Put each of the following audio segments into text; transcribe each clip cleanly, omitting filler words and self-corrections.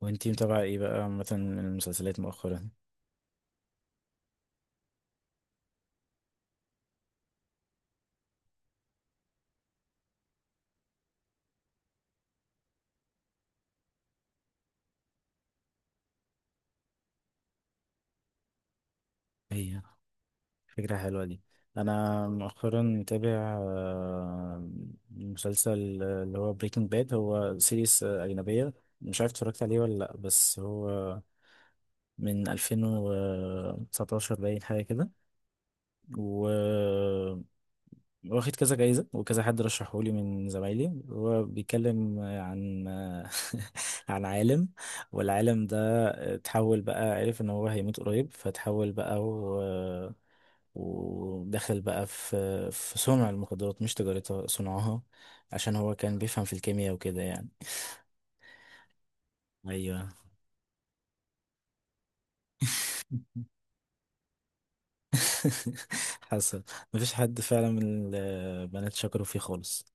وانتي متابعة ايه بقى مثلا من المسلسلات مؤخرا؟ هي فكرة حلوة دي. انا مؤخرا متابع آه، مسلسل اللي هو بريكنج باد. هو سيريس أجنبية. مش عارف اتفرجت عليه ولا لأ، بس هو من 2019 باين حاجة كده. و واخد كذا جايزة وكذا، حد رشحه لي من زمايلي. هو بيتكلم عن عن عالم، والعالم ده اتحول. بقى عرف ان هو هيموت قريب فتحول بقى ودخل بقى في صنع المخدرات، مش تجارتها، صنعها، عشان هو كان بيفهم في الكيمياء وكده يعني. ايوه. حصل. مفيش حد فعلا من البنات شكروا فيه خالص.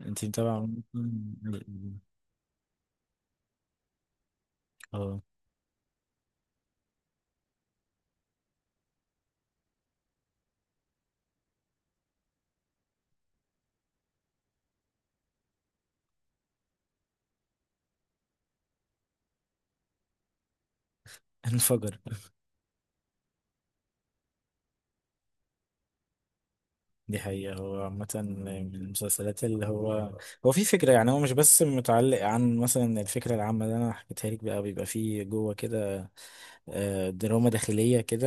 انتي طبعا. اه. انفجر. دي حقيقة، هو عامة من المسلسلات اللي هو هو في فكرة، يعني هو مش بس متعلق عن مثلا الفكرة العامة اللي أنا حكيتها لك، بقى بيبقى فيه جوه كده دراما داخلية كده.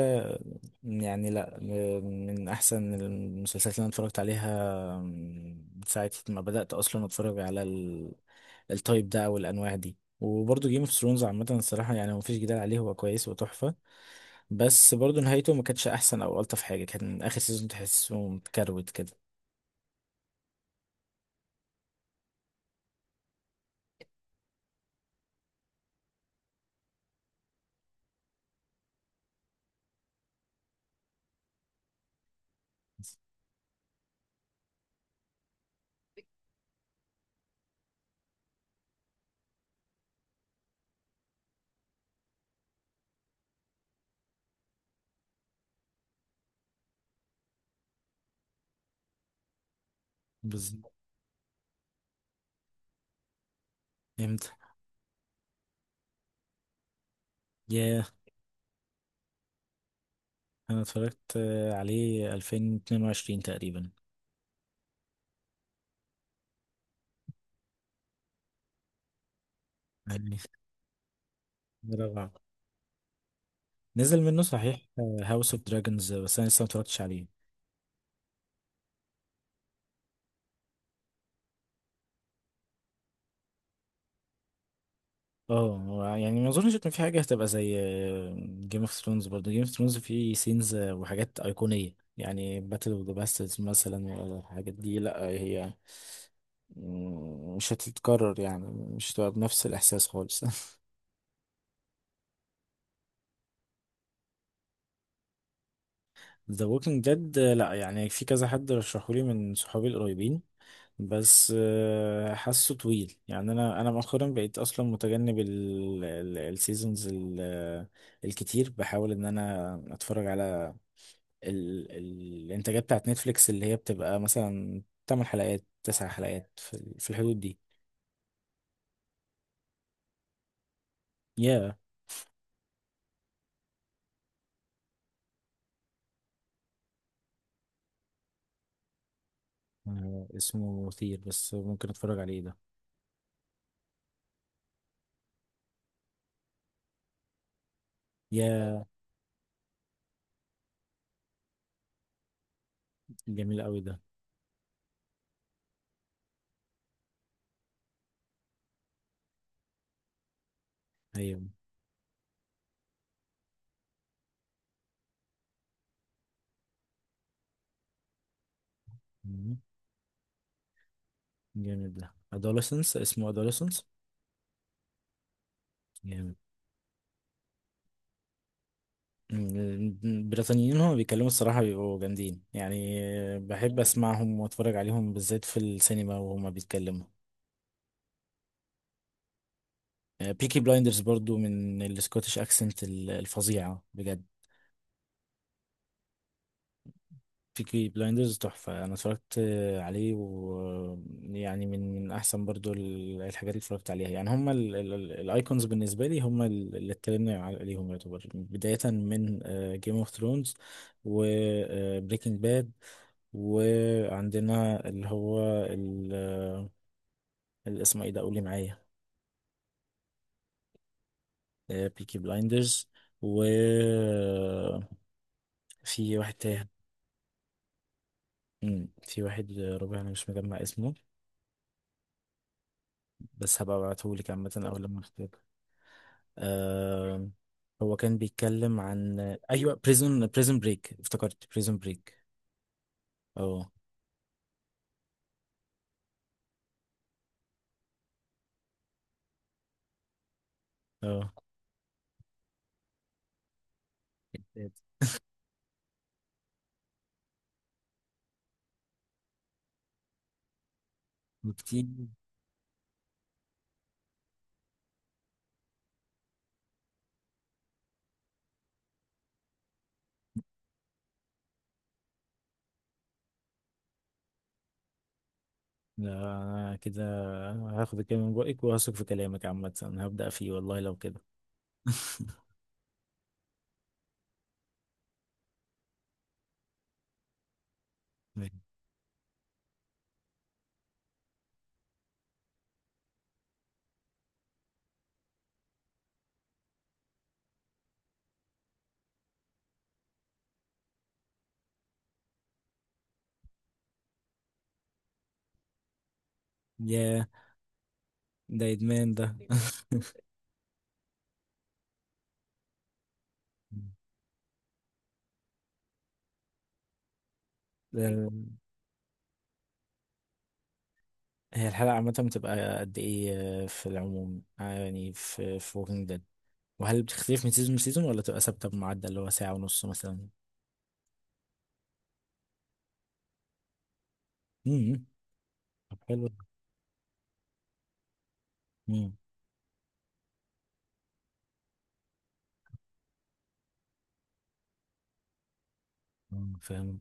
يعني لأ، من أحسن المسلسلات اللي أنا اتفرجت عليها من ساعة ما بدأت أصلا أتفرج على التايب ده أو الأنواع دي. وبرضه جيم اوف ثرونز عامة، الصراحة يعني مفيش جدال عليه، هو كويس وتحفة. بس برضه نهايته ما كانتش أحسن أو ألطف حاجة، كان آخر سيزون تحسه متكروت كده. امتى؟ ياه. انا اتفرجت عليه 2022 تقريبا. يعني رابعة نزل منه صحيح، هاوس اوف دراجونز، بس انا لسه ما اتفرجتش عليه. اه، هو يعني ما اظنش ان في حاجه هتبقى زي جيم اوف ثرونز. برضه جيم اوف ثرونز فيه سينز وحاجات ايقونيه، يعني باتل اوف ذا باسترز مثلا، ولا الحاجات دي لا. هي مش هتتكرر، يعني مش هتبقى بنفس الاحساس خالص. ذا ووكينج ديد لا، يعني في كذا حد رشحولي من صحابي القريبين، بس حاسه طويل يعني. انا مؤخرا بقيت اصلا متجنب السيزونز الكتير، بحاول ان انا اتفرج على ال- ال- الانتاجات بتاعت نتفليكس، اللي هي بتبقى مثلا 8 حلقات، 9 حلقات، في الحدود دي. يا. اسمه مثير بس ممكن اتفرج عليه ده. يا، جميل قوي ده. ايوه. مم. جامد ده. adolescence، اسمه adolescence. جامد. البريطانيين هما بيتكلموا الصراحة بيبقوا جامدين يعني. بحب أسمعهم وأتفرج عليهم بالذات في السينما وهما بيتكلموا. بيكي بلايندرز برضو من السكوتش أكسنت الفظيعة بجد. بيكي بلايندرز تحفة، أنا اتفرجت عليه، ويعني من أحسن برضو الحاجات اللي اتفرجت عليها يعني. هما الأيكونز بالنسبة لي، هما اللي اتكلمنا عليهم، يعتبر بداية من جيم اوف ثرونز وبريكنج باد. وعندنا اللي هو اللي اسمه ايه ده، قولي معايا. بيكي بلايندرز. وفي واحد تاني. في واحد ربع، أنا مش مجمع اسمه، بس هبقى ابعتهولك عامة أول لما أختار. آه. هو كان بيتكلم عن. ايوه، بريزون بريك، افتكرت بريزون بريك. اه. اه. كتير. كده هاخد الكلمة من بقك وهثق في كلامك، عامة هبدأ فيه والله لو كده. ياه، ده إدمان ده. ده- هي الحلقة عامة بتبقى قد إيه؟ في العموم يعني في ووكينج ديد، وهل بتختلف من سيزون لسيزون، ولا تبقى ثابتة بمعدل اللي هو ساعة ونص مثلا؟ امم. طب. حلو. فاهم.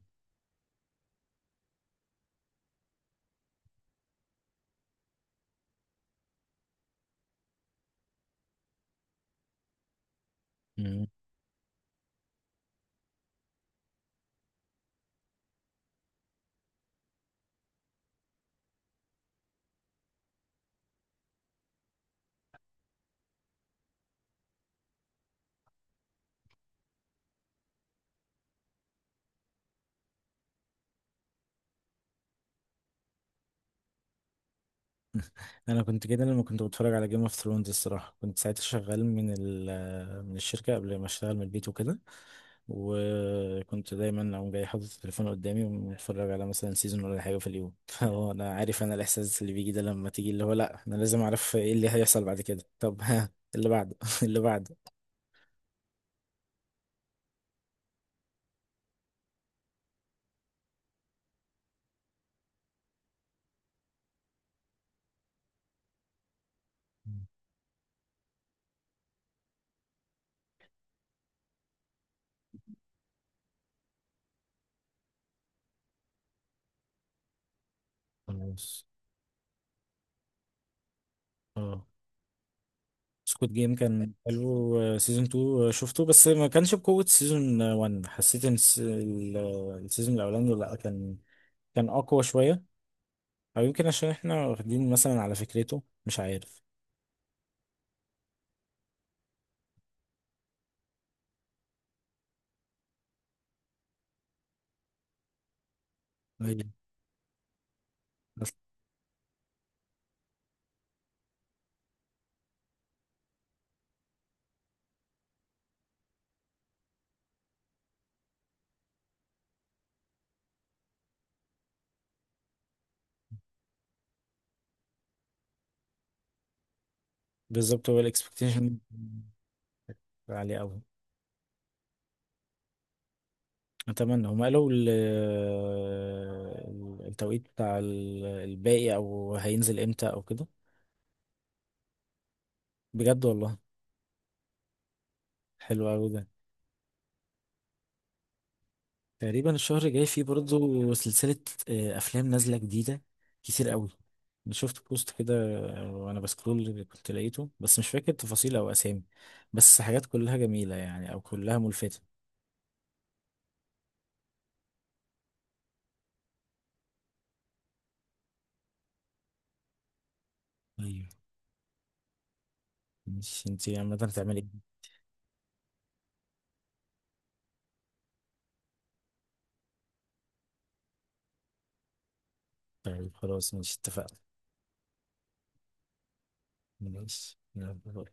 مم. انا كنت كده لما كنت بتفرج على جيم اوف ثرونز الصراحه، كنت ساعتها شغال من الشركه قبل ما اشتغل من البيت وكده، وكنت دايما اقوم جاي حاطط التليفون قدامي ومتفرج على مثلا سيزون ولا حاجه في اليوم. فهو انا عارف انا الاحساس اللي بيجي ده، لما تيجي اللي هو لا انا لازم اعرف ايه اللي هيحصل بعد كده، طب ها، اللي بعده اللي بعده. مم. خلاص. اه. سكوت جيم كان حلو، سيزون 2 شفته بس ما كانش بقوة سيزون 1، حسيت ان السيزون الاولاني لا كان اقوى شوية. او يمكن عشان احنا واخدين مثلا على فكرته، مش عارف. أيوة. بس- بالظبط هو الاكسبكتيشن عالية قوي. اتمنى هم قالوا التوقيت بتاع الباقي، او هينزل امتى او كده. بجد والله. حلو قوي ده. تقريبا الشهر الجاي فيه برضه سلسلة، أفلام نازلة جديدة كتير قوي. أنا شفت بوست كده، وأنا بسكرول كنت لقيته، بس مش فاكر تفاصيل أو أسامي، بس حاجات كلها جميلة يعني أو كلها ملفتة. أيوة. ماشي، أنتي عامة هتعملي إيه؟ طيب خلاص ماشي اتفقنا. ماشي يلا.